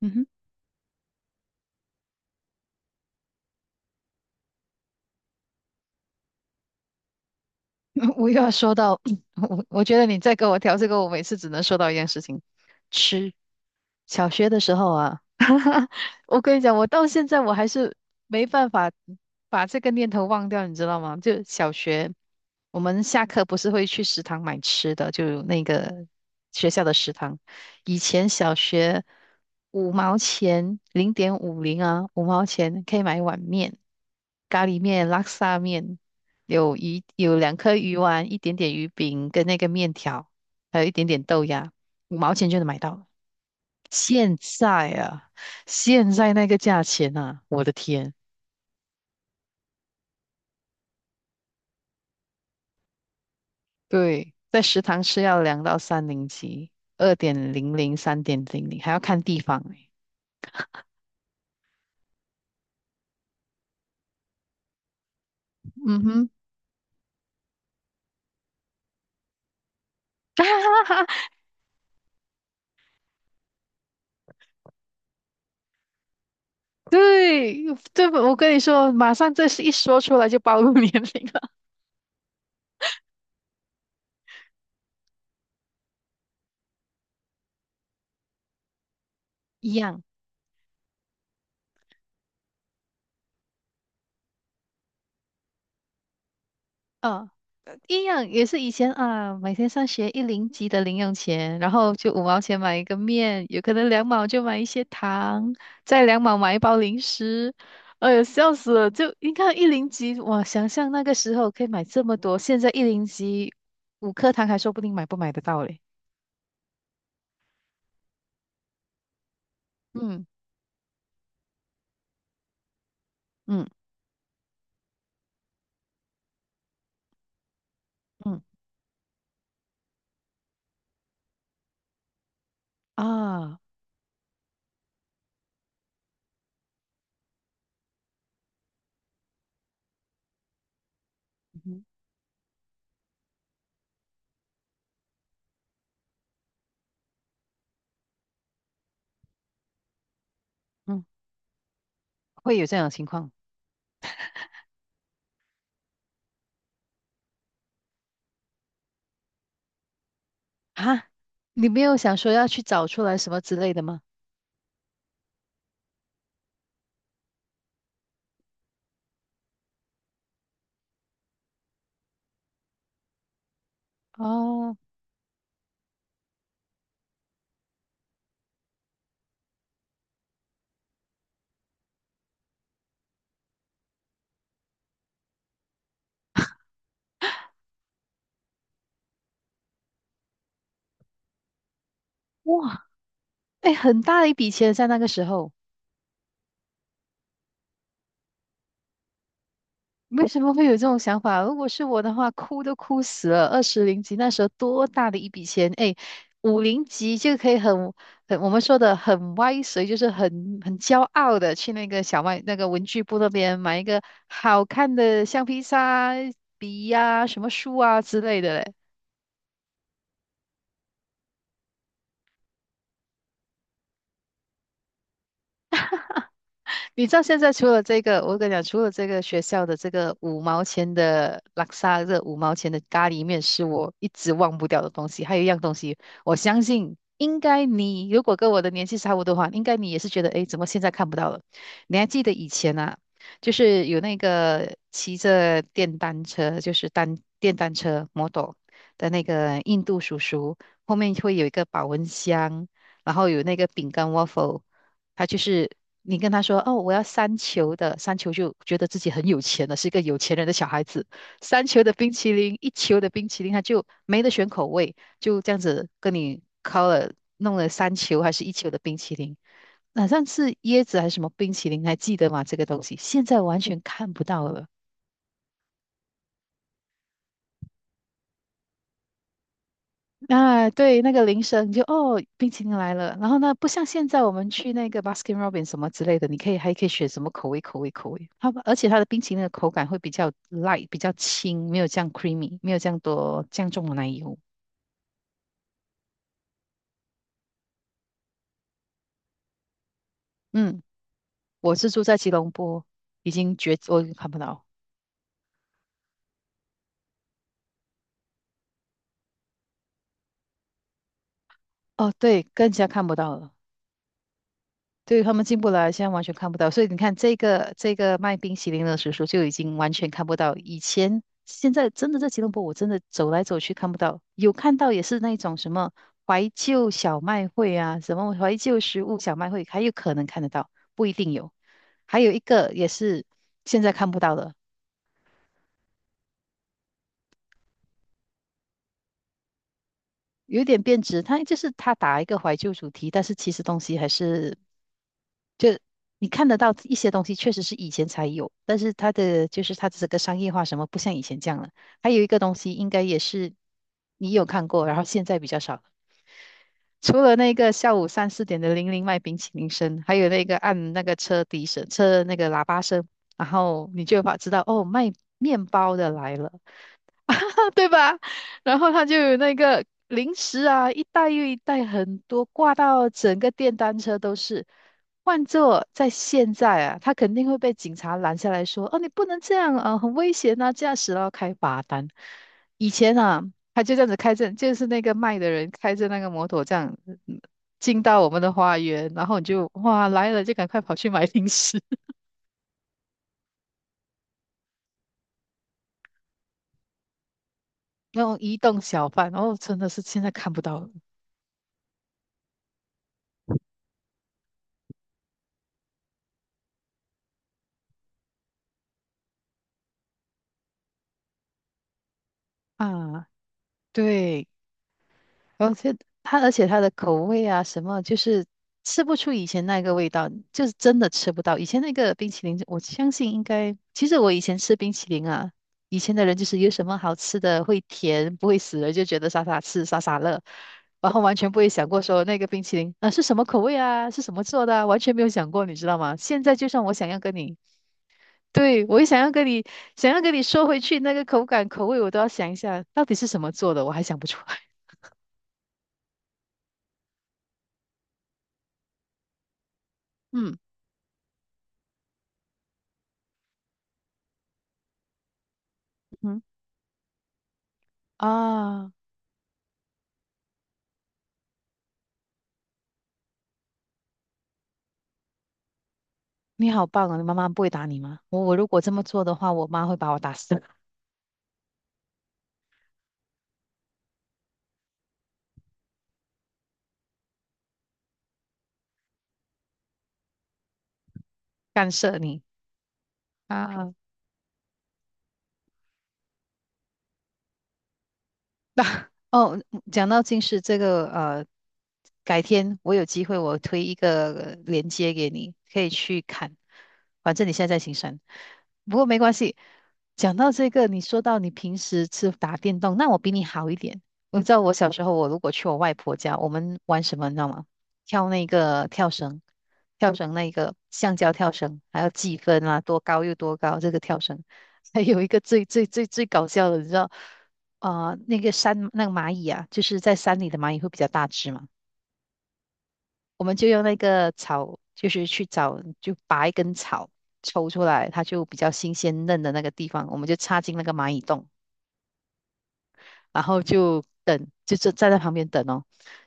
嗯哼，我又要说到，我觉得你再跟我调这个，我每次只能说到一件事情，吃。小学的时候啊，我跟你讲，我到现在我还是没办法把这个念头忘掉，你知道吗？就小学，我们下课不是会去食堂买吃的，就那个学校的食堂。以前小学五毛钱，0.50啊，五毛钱可以买一碗面，咖喱面、拉沙面。有2颗鱼丸，一点点鱼饼跟那个面条，还有一点点豆芽，五毛钱就能买到了。现在啊，现在那个价钱啊，我的天！对，在食堂吃要两到三零几，2.00、3.00，还要看地方欸嗯哼，对，我跟你说，马上这是一说出来就暴露年龄了，一样。嗯、一样也是以前啊，每天上学一零级的零用钱，然后就五毛钱买一个面，有可能两毛就买一些糖，再两毛买一包零食。哎呦，笑死了！就你看一零级，哇，想象那个时候可以买这么多，现在一零级5颗糖还说不定买不买得到嘞。嗯嗯嗯啊，嗯嗯，会有这样的情况啊？你没有想说要去找出来什么之类的吗？哦，哇，哎，很大一笔钱在那个时候。为什么会有这种想法？如果是我的话，哭都哭死了。20零级那时候多大的一笔钱？哎，5零级就可以很我们说的很歪随，就是很骄傲的去那个小卖那个文具部那边买一个好看的橡皮擦、笔呀、什么书啊之类的。你知道现在除了这个，我跟你讲，除了这个学校的这个五毛钱的拉萨这五毛钱的咖喱面是我一直忘不掉的东西，还有一样东西，我相信应该你如果跟我的年纪差不多的话，应该你也是觉得，诶，怎么现在看不到了？你还记得以前啊，就是有那个骑着电单车，就是单电单车 model 的那个印度叔叔，后面会有一个保温箱，然后有那个饼干 waffle。他就是你跟他说哦，我要三球的，三球就觉得自己很有钱了，是一个有钱人的小孩子。三球的冰淇淋，一球的冰淇淋，他就没得选口味，就这样子跟你敲了弄了三球还是一球的冰淇淋，好像是椰子还是什么冰淇淋，还记得吗？这个东西现在完全看不到了。啊，对，那个铃声你就哦，冰淇淋来了。然后呢，不像现在我们去那个 Baskin Robbins 什么之类的，你可以还可以选什么口味，口味，口味。而且它的冰淇淋的口感会比较 light，比较轻，没有这样 creamy，没有这样多这样重的奶油。嗯，我是住在吉隆坡，已经绝我已看不到。哦，对，更加看不到了。对他们进不了，现在完全看不到。所以你看，这个卖冰淇淋的叔叔就已经完全看不到。以前现在真的在吉隆坡，我真的走来走去看不到，有看到也是那种什么怀旧小卖会啊，什么怀旧食物小卖会，还有可能看得到，不一定有。还有一个也是现在看不到的，有一点变质，它就是它打一个怀旧主题，但是其实东西还是就你看得到一些东西，确实是以前才有，但是它的就是它的这个商业化什么不像以前这样了。还有一个东西，应该也是你有看过，然后现在比较少了除了那个下午3、4点的铃铃卖冰淇淋声，还有那个按那个车笛声、车那个喇叭声，然后你就把知道哦，卖面包的来了，对吧？然后他就有那个零食啊，一袋又一袋，很多挂到整个电单车都是。换做在现在啊，他肯定会被警察拦下来说：“哦，你不能这样啊，很危险啊，驾驶了开罚单。”以前啊，他就这样子开着，就是那个卖的人开着那个摩托这样嗯进到我们的花园，然后你就哇来了就赶快跑去买零食，那种移动小贩，哦，真的是现在看不到了啊，对。而且而且它的口味啊，什么就是吃不出以前那个味道，就是真的吃不到。以前那个冰淇淋，我相信应该，其实我以前吃冰淇淋啊，以前的人就是有什么好吃的，会甜，不会死人，就觉得傻傻吃，傻傻乐，然后完全不会想过说那个冰淇淋啊、是什么口味啊，是什么做的啊完全没有想过，你知道吗？现在就算我想要跟你，对，我也想要跟你，想要跟你说回去那个口感、口味，我都要想一下到底是什么做的，我还想不出来。嗯嗯。啊，你好棒哦！你妈妈不会打你吗？我如果这么做的话，我妈会把我打死，干涉你啊。哦，嗯讲到近视这个，改天我有机会我推一个链接给你，可以去看。反正你现在在行山，不过没关系。讲到这个，你说到你平时是打电动，那我比你好一点。你知道我小时候，我如果去我外婆家，我们玩什么，你知道吗？跳那个跳绳，跳绳那个橡胶跳绳，还要计分啊，多高又多高，这个跳绳。还有一个最最最最搞笑的，你知道？啊，那个山那个蚂蚁啊，就是在山里的蚂蚁会比较大只嘛，我们就用那个草，就是去找，就拔一根草抽出来，它就比较新鲜嫩的那个地方，我们就插进那个蚂蚁洞，然后就等，就站在旁边等哦，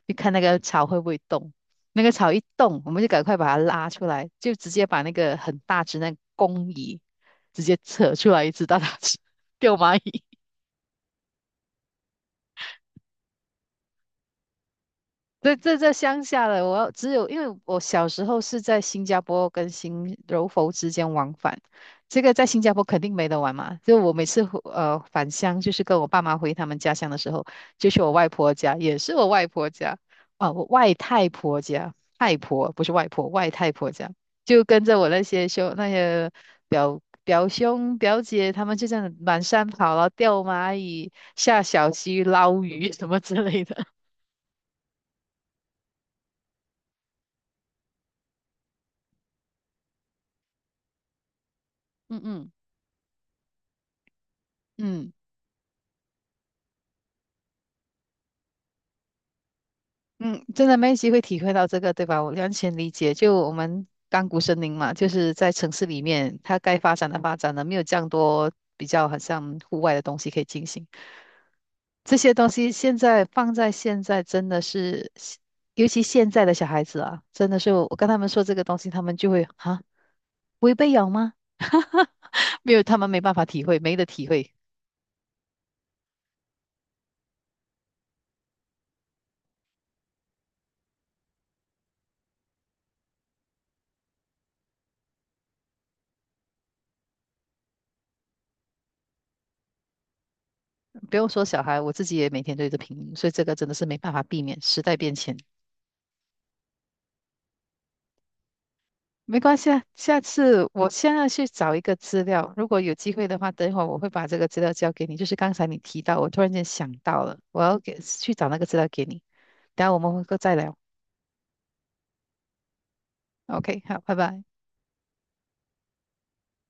就看那个草会不会动。那个草一动，我们就赶快把它拉出来，就直接把那个很大只那个公蚁直接扯出来一只大大只，给我蚂蚁。对，这在乡下的，我要只有因为我小时候是在新加坡跟新柔佛之间往返，这个在新加坡肯定没得玩嘛。就我每次回返乡，就是跟我爸妈回他们家乡的时候，就去我外婆家，也是我外婆家啊，我外太婆家，太婆不是外婆，外太婆家，就跟着我那些表兄表姐，他们就这样满山跑了，然后钓蚂蚁、下小溪、捞鱼什么之类的。嗯嗯。嗯嗯，真的没机会体会到这个，对吧？我完全理解。就我们甘谷森林嘛，就是在城市里面，它该发展的发展了，没有这样多比较好像户外的东西可以进行。这些东西现在放在现在，真的是，尤其现在的小孩子啊，真的是我跟他们说这个东西，他们就会啊，不会被咬吗？没有，他们没办法体会，没得体会。不用说小孩，我自己也每天对着屏幕，所以这个真的是没办法避免，时代变迁。没关系啊，下次我现在去找一个资料，如果有机会的话，等一会儿我会把这个资料交给你。就是刚才你提到，我突然间想到了，我要给去找那个资料给你。等一下我们会再聊。OK，好，拜拜。